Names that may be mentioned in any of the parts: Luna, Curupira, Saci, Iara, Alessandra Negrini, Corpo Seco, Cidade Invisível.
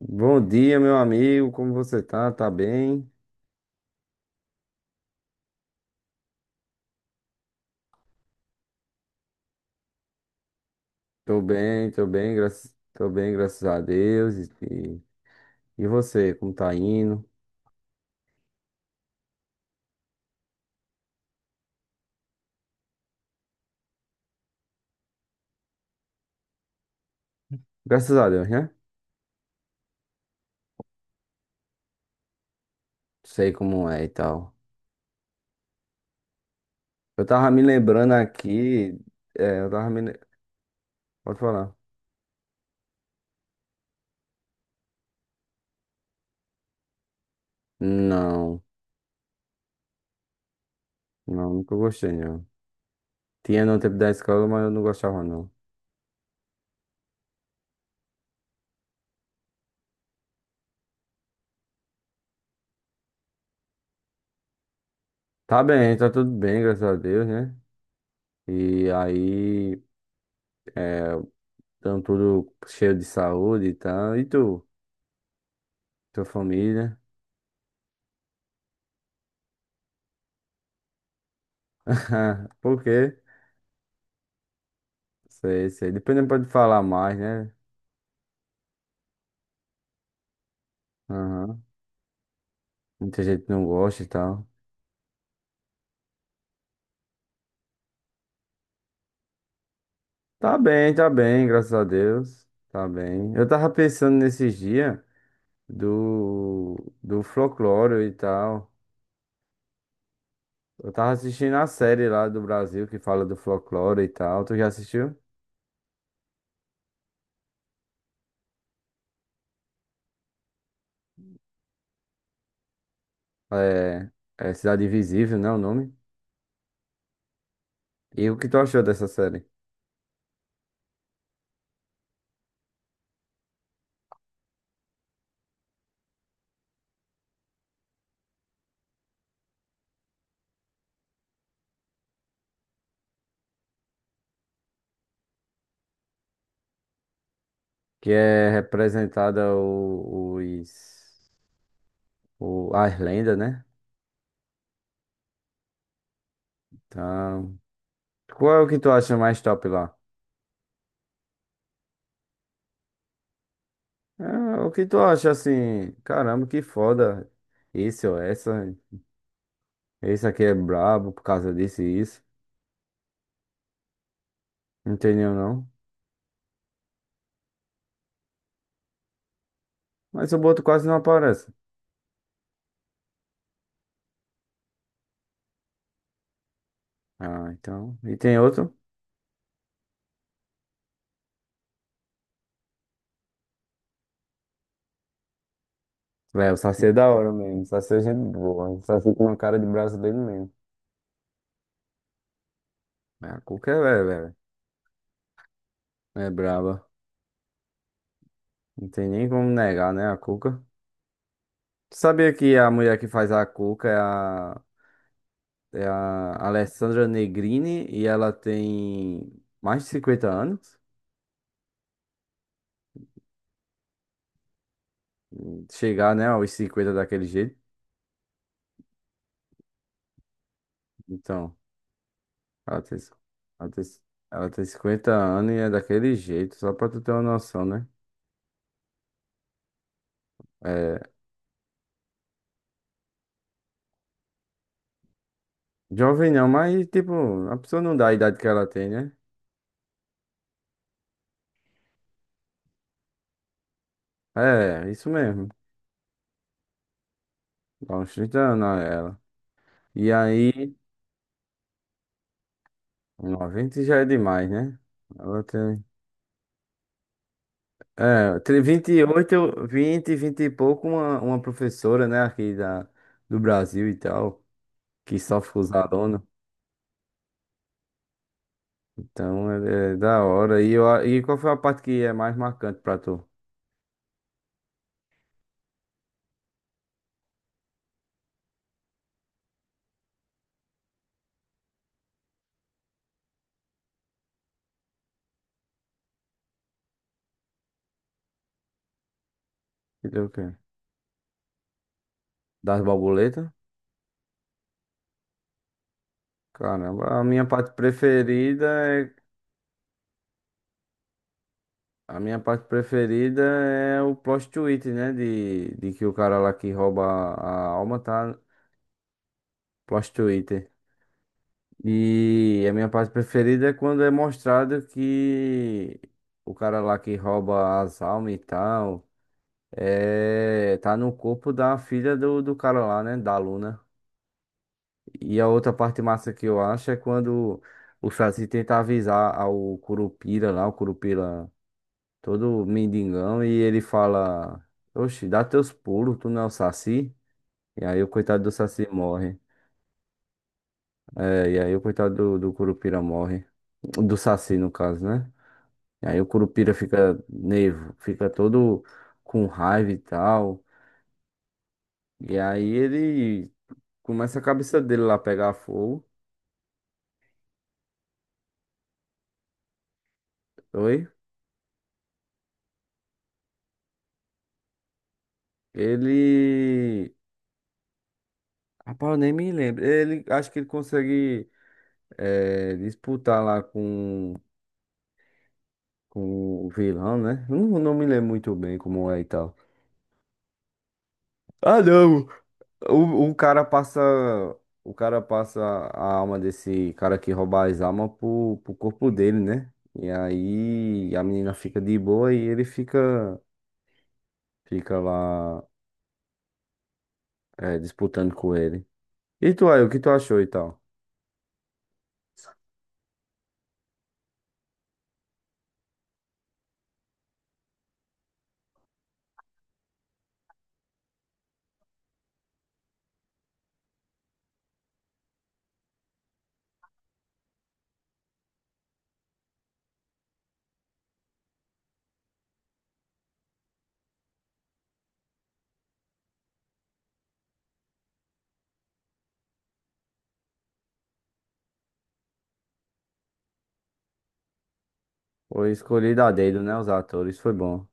Bom dia, meu amigo. Como você tá? Tá bem? Tô bem, tô bem, graças a Deus. E você, como tá indo? Graças a Deus, né? Sei como é e tal. Eu tava me lembrando aqui. É, eu tava me. Pode falar. Não, não, nunca gostei, não. Tinha no tempo da escola, mas eu não gostava, não. Tá bem, tá tudo bem, graças a Deus, né? E aí, estão tudo cheio de saúde e tal. E tu? Tua família? Por quê? Sei, sei. Depois não pode falar mais, né? Aham. Muita gente não gosta e tal. Tá bem, graças a Deus. Tá bem. Eu tava pensando nesses dias do, do folclore e tal. Eu tava assistindo a série lá do Brasil que fala do folclore e tal. Tu já assistiu? É, é Cidade Invisível, né? O nome. E o que tu achou dessa série? Que é representada as lendas, né? Então, qual é o que tu acha mais top lá? Ah, o que tu acha assim? Caramba, que foda. Esse ou essa. Esse aqui é brabo por causa disso e isso. Não tem nenhum, não. Mas o boto quase não aparece. Ah, então. E tem outro? Véi, o Saci é da hora mesmo. O Saci é gente boa. O Saci tem uma cara de brasileiro mesmo. É, a Cuca é velha. Velho. É braba. Não tem nem como negar, né, a Cuca. Tu sabia que a mulher que faz a Cuca é a Alessandra Negrini e ela tem mais de 50 anos? Chegar, né, aos 50 daquele jeito. Então, ela tem, ela tem, ela tem 50 anos e é daquele jeito, só pra tu ter uma noção, né? É, jovem não, mas tipo, a pessoa não dá a idade que ela tem, né? É, isso mesmo. Dá uns 30 anos a ela. E aí, 90 já é demais, né? Ela tem. É, entre 28 20 20 e pouco, uma professora, né, aqui do Brasil e tal, que sofre com os alunos. Então, é, é da hora. E qual foi a parte que é mais marcante pra tu? Que deu o quê? Das borboletas? Caramba, a minha parte preferida é. A minha parte preferida é o plot twist, né? De que o cara lá que rouba a alma tá plot twist. E a minha parte preferida é quando é mostrado que o cara lá que rouba as almas e tal é, tá no corpo da filha do cara lá, né? Da Luna. E a outra parte massa que eu acho é quando o Saci tenta avisar ao Curupira lá, o Curupira todo mendigão, e ele fala: "Oxe, dá teus pulos, tu não é o Saci?" E aí o coitado do Saci morre. É, e aí o coitado do Curupira morre. Do Saci, no caso, né? E aí o Curupira fica nervo, fica todo com raiva e tal. E aí ele começa a cabeça dele lá pegar fogo. Oi? Ele. Rapaz, eu nem me lembro. Ele, acho que ele consegue disputar lá com o vilão, né? Eu Não, não me lembro muito bem como é e tal. Ah, não! O cara passa. O cara passa a alma desse cara que rouba as almas pro corpo dele, né? E aí a menina fica de boa e ele fica, fica lá disputando com ele. E tu aí, o que tu achou e tal? Foi escolhido a dedo, né? Os atores, foi bom.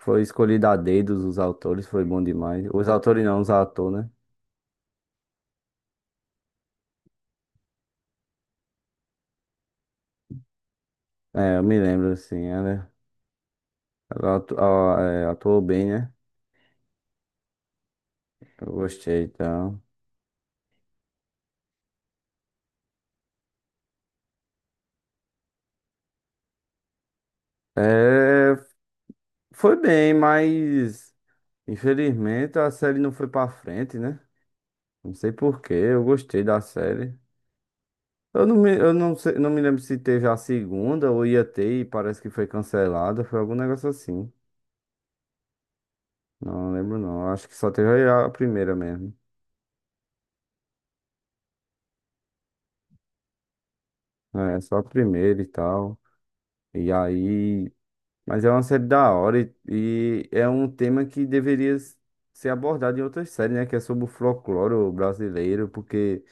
Foi escolhido a dedo os autores, foi bom demais. Os autores não, os atores, né? É, eu me lembro, assim, ela atuou bem, né? Eu gostei, então. É, foi bem, mas infelizmente a série não foi pra frente, né? Não sei por quê, eu gostei da série. Eu não sei, não me lembro se teve a segunda ou ia ter e parece que foi cancelada, foi algum negócio assim. Não lembro não, acho que só teve a primeira mesmo. É, só a primeira e tal. E aí. Mas é uma série da hora e é um tema que deveria ser abordado em outras séries, né? Que é sobre o folclore brasileiro, porque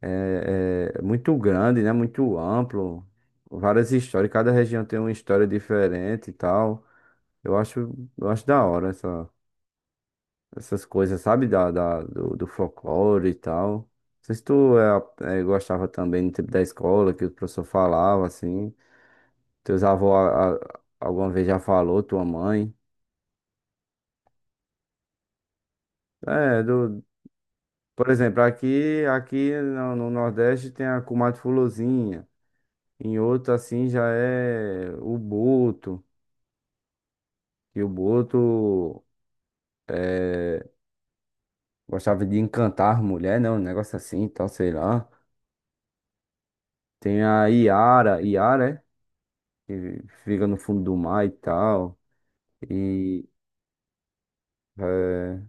é, é muito grande, né? Muito amplo. Várias histórias, cada região tem uma história diferente e tal. Eu acho da hora essa, essas coisas, sabe? Do folclore e tal. Não sei se tu é, gostava também no tempo da escola, que o professor falava, assim. Teus avós alguma vez já falou, tua mãe. É, do, por exemplo, aqui, aqui no, no Nordeste tem a comadre Fulozinha. Em outro, assim, já é o boto. E o boto é, gostava de encantar mulher, né? Um negócio assim, e tal, sei lá. Tem a Iara, Iara, é? Que fica no fundo do mar e tal. E, é,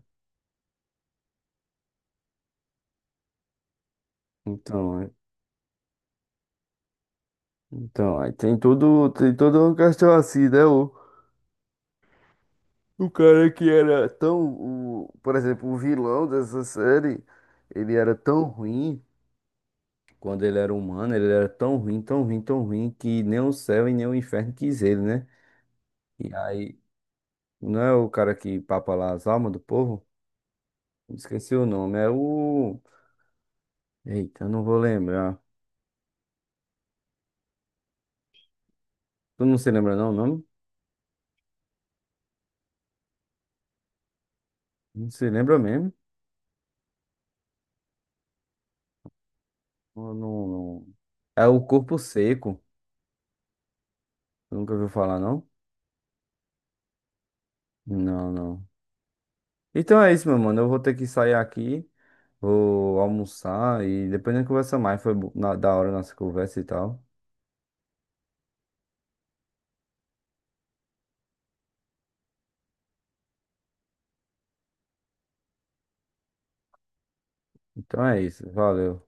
então, então, aí tem tudo, tem toda uma questão assim, né? O cara que era tão, o, por exemplo, o vilão dessa série, ele era tão ruim, quando ele era humano, ele era tão ruim, tão ruim, tão ruim, que nem o céu e nem o inferno quis ele, né? E aí, não é o cara que papa lá as almas do povo? Esqueci o nome, é o... Eita, eu não vou lembrar. Tu não se lembra não o nome? Não se lembra mesmo? Ou não, não... É o Corpo Seco. Tu nunca ouviu falar não? Não, não. Então é isso, meu mano, eu vou ter que sair aqui. Vou almoçar e depois a gente conversa mais. Foi da hora a nossa conversa e tal. Então é isso. Valeu.